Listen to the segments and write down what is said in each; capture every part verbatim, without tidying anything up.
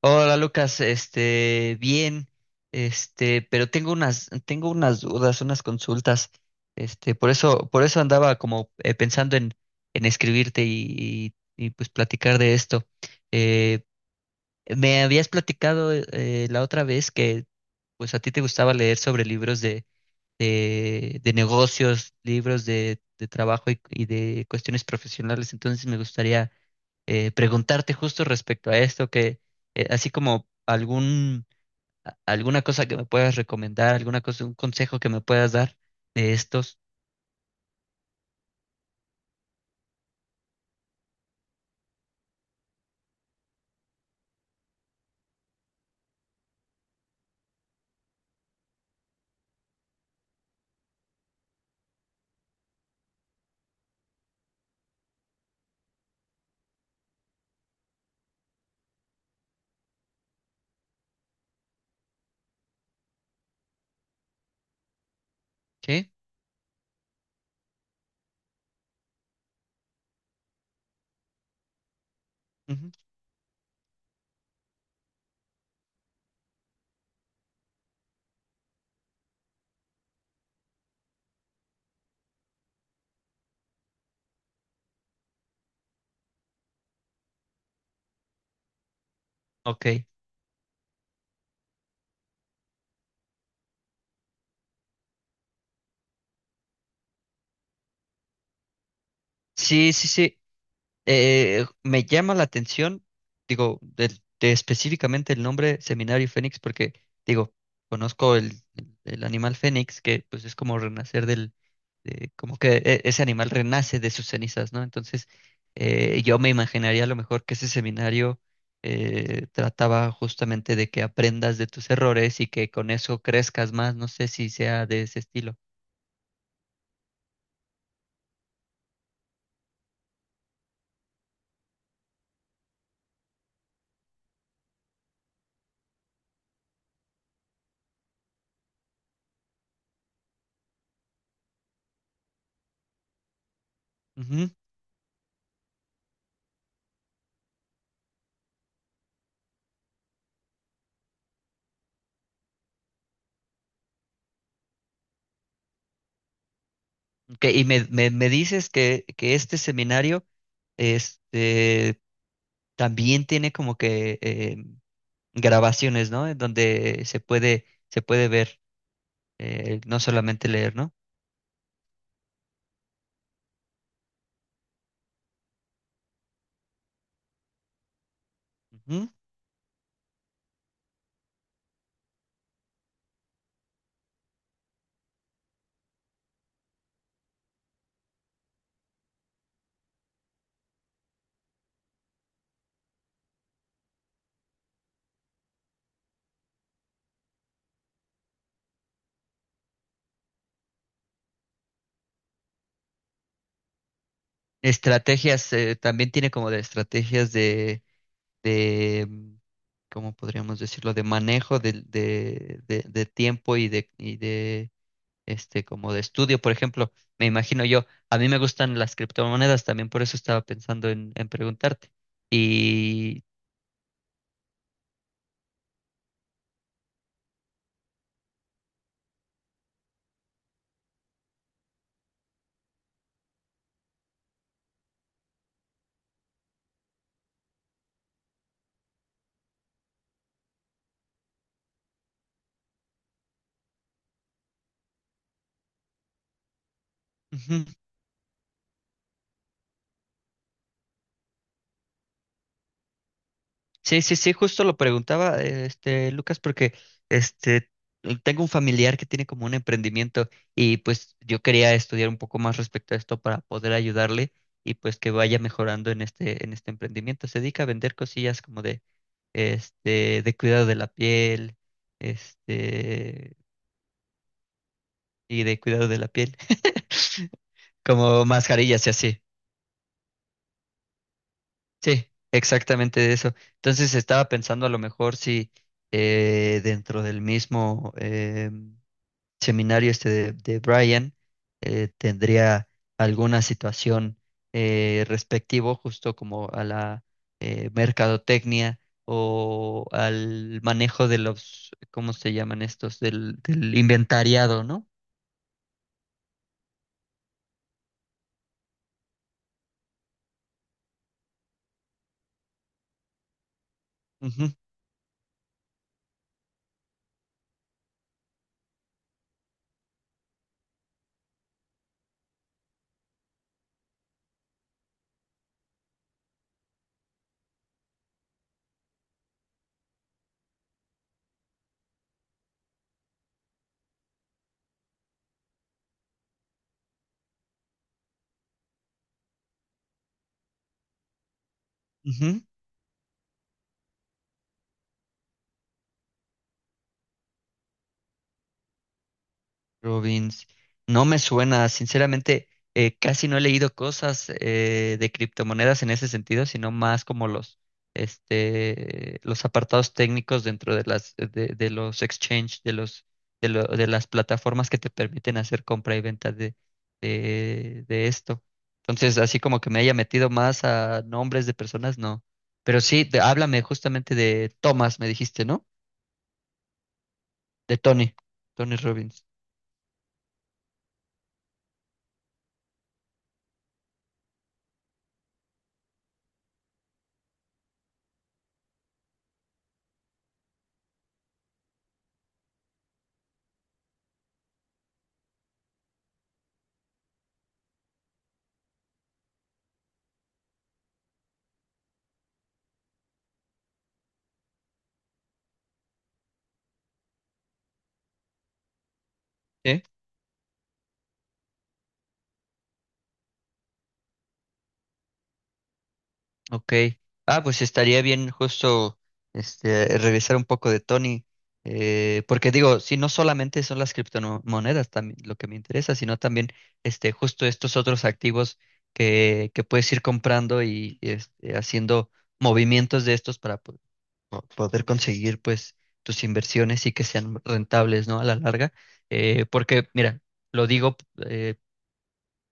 Hola Lucas, este, bien, este, pero tengo unas, tengo unas dudas, unas consultas, este, por eso, por eso andaba como eh, pensando en, en escribirte y, y- y, pues platicar de esto. Eh, Me habías platicado eh, eh, la otra vez que pues a ti te gustaba leer sobre libros de, de, de negocios, libros de, de trabajo y, y de cuestiones profesionales. Entonces me gustaría eh, preguntarte justo respecto a esto. Que eh, así como algún, a- alguna cosa que me puedas recomendar, alguna cosa, un consejo que me puedas dar de estos. ¿Qué? Ujú. Ok. Sí, sí, sí. Eh, me llama la atención, digo, del- de específicamente el nombre Seminario Fénix, porque, digo, conozco el, el animal fénix, que pues es como renacer del, de- como que e- ese animal renace de sus cenizas, ¿no? Entonces, eh, yo me imaginaría a lo mejor que ese seminario eh, trataba justamente de que aprendas de tus errores y que con eso crezcas más. No sé si sea de ese estilo. Ok, y me, me, me dices que, que este seminario este, también tiene como que eh, grabaciones, ¿no? En donde se puede, se puede ver, eh, no solamente leer, ¿no? Ujú. Estrategias, eh, también tiene como de estrategias de, de, mm, ¿cómo podríamos decirlo? De manejo del- de, de, de tiempo y de, y de este, como de estudio, por ejemplo, me imagino yo. A mí me gustan las criptomonedas, también por eso estaba pensando en, en preguntarte. Y ujú, sí, sí, sí, justo lo preguntaba, eh, este, Lucas, porque este, tengo un familiar que tiene como un emprendimiento, y pues yo quería estudiar un poco más respecto a esto para poder ayudarle, y pues que vaya mejorando en este, en este emprendimiento. Se dedica a vender cosillas como de, este, de cuidado de la piel, este, y de cuidado de la piel, como mascarillas y así. Sí, exactamente eso. Entonces estaba pensando a lo mejor si eh, dentro del mismo eh, seminario este de, de Brian eh, tendría alguna situación eh, respectivo justo como a la eh, mercadotecnia, o al manejo de los, ¿cómo se llaman estos? Del, del inventariado, ¿no? Ujú, ujú. Rubins, no me suena, sinceramente. Eh, casi no he leído cosas eh, de criptomonedas en ese sentido, sino más como los, este, los apartados técnicos dentro de las, de, de los exchange, de los, de lo- de las plataformas que te permiten hacer compra y venta de, de, de esto. Entonces, así como que me haya metido más a nombres de personas, no. Pero sí, de- háblame justamente de Thomas, me dijiste, ¿no? De Tony, Tony Robbins. Ok. Ah, pues estaría bien justo este revisar un poco de Tony. Eh, porque digo, si no solamente son las criptomonedas también lo que me interesa, sino también este, justo estos otros activos que, que puedes ir comprando y este, haciendo movimientos de estos para po- po- poder conseguir pues tus inversiones y que sean rentables, ¿no? A la larga. Eh, porque, mira, lo digo eh,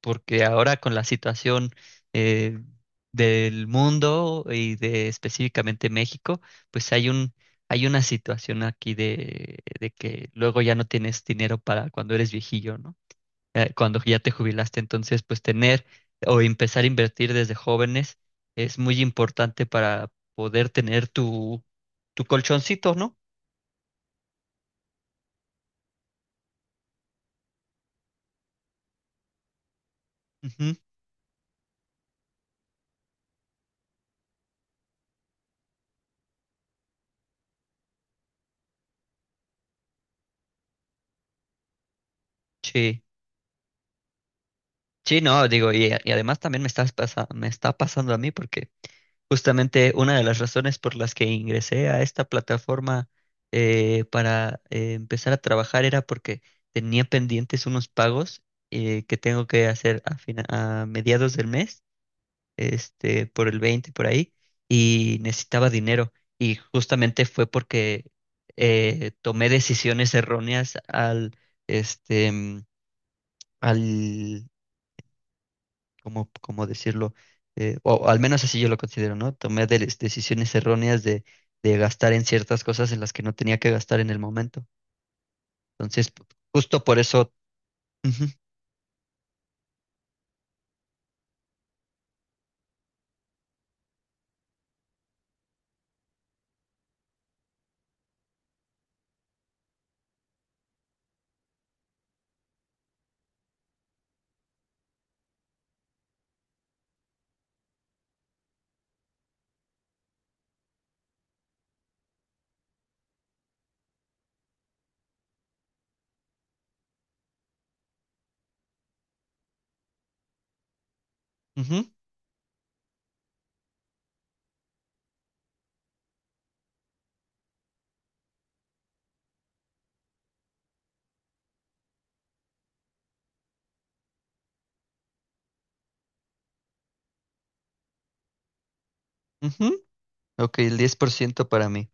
porque ahora con la situación eh, del mundo y de específicamente México, pues hay un, hay una situación aquí de, de que luego ya no tienes dinero para cuando eres viejillo, ¿no? Eh, cuando ya te jubilaste, entonces pues tener, o empezar a invertir desde jóvenes, es muy importante para poder tener tu, tu colchoncito, ¿no? Ujú. Sí. Sí, no, digo, y, y además también me estás pasa- me está pasando a mí, porque justamente una de las razones por las que ingresé a esta plataforma eh, para eh, empezar a trabajar era porque tenía pendientes unos pagos eh, que tengo que hacer a, fina- a mediados del mes, este, por el veinte por ahí, y necesitaba dinero. Y justamente fue porque eh, tomé decisiones erróneas al, este, mm, al ¿Cómo, cómo decirlo? Eh, o al menos así yo lo considero, ¿no? Tomé de- decisiones erróneas de, de gastar en ciertas cosas en las que no tenía que gastar en el momento. Entonces, p- justo por eso... ujú, ujú, ujú. Ok, el diez por ciento para mí.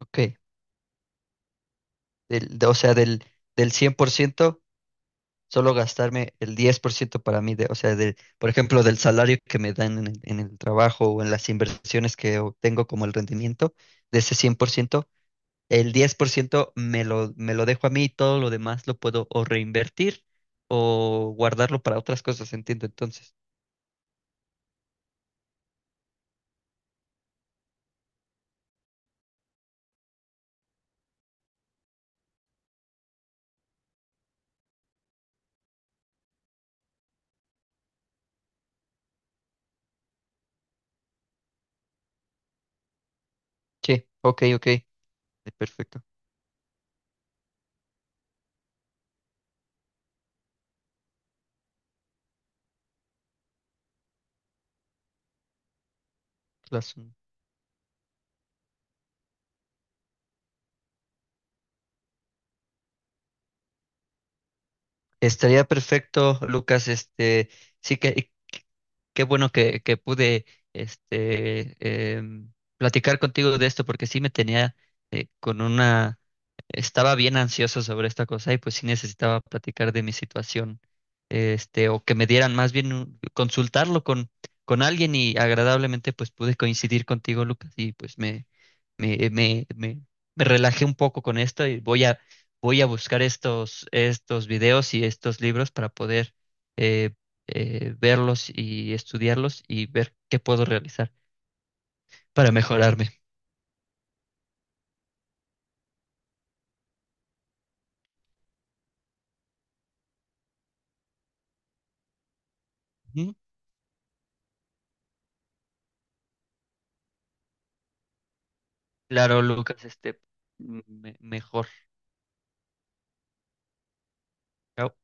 Ok, del- de- o sea, del, del cien por ciento solo gastarme el diez por ciento para mí. De, o sea, de, por ejemplo, del salario que me dan en el, en el trabajo, o en las inversiones que obtengo como el rendimiento, de ese cien por ciento el diez por ciento me lo, me lo dejo a mí, y todo lo demás lo puedo o reinvertir o guardarlo para otras cosas, entiendo. Entonces, sí, ok, ok. Eh, perfecto. Claro. Estaría perfecto, Lucas. Este, sí que, qué bueno que, que pude este, em, platicar contigo de esto, porque sí me tenía eh, con una... Estaba bien ansioso sobre esta cosa, y pues sí necesitaba platicar de mi situación, este, o que me dieran, más bien un- consultarlo con, con alguien, y agradablemente pues pude coincidir contigo, Lucas, y pues me, me, me, me, me relajé un poco con esto. Y voy a, voy a buscar estos, estos videos y estos libros para poder... eh, eh, verlos y estudiarlos y ver qué puedo realizar para mejorarme. Ujú. Claro, Lucas, este, me- mejor. Chao.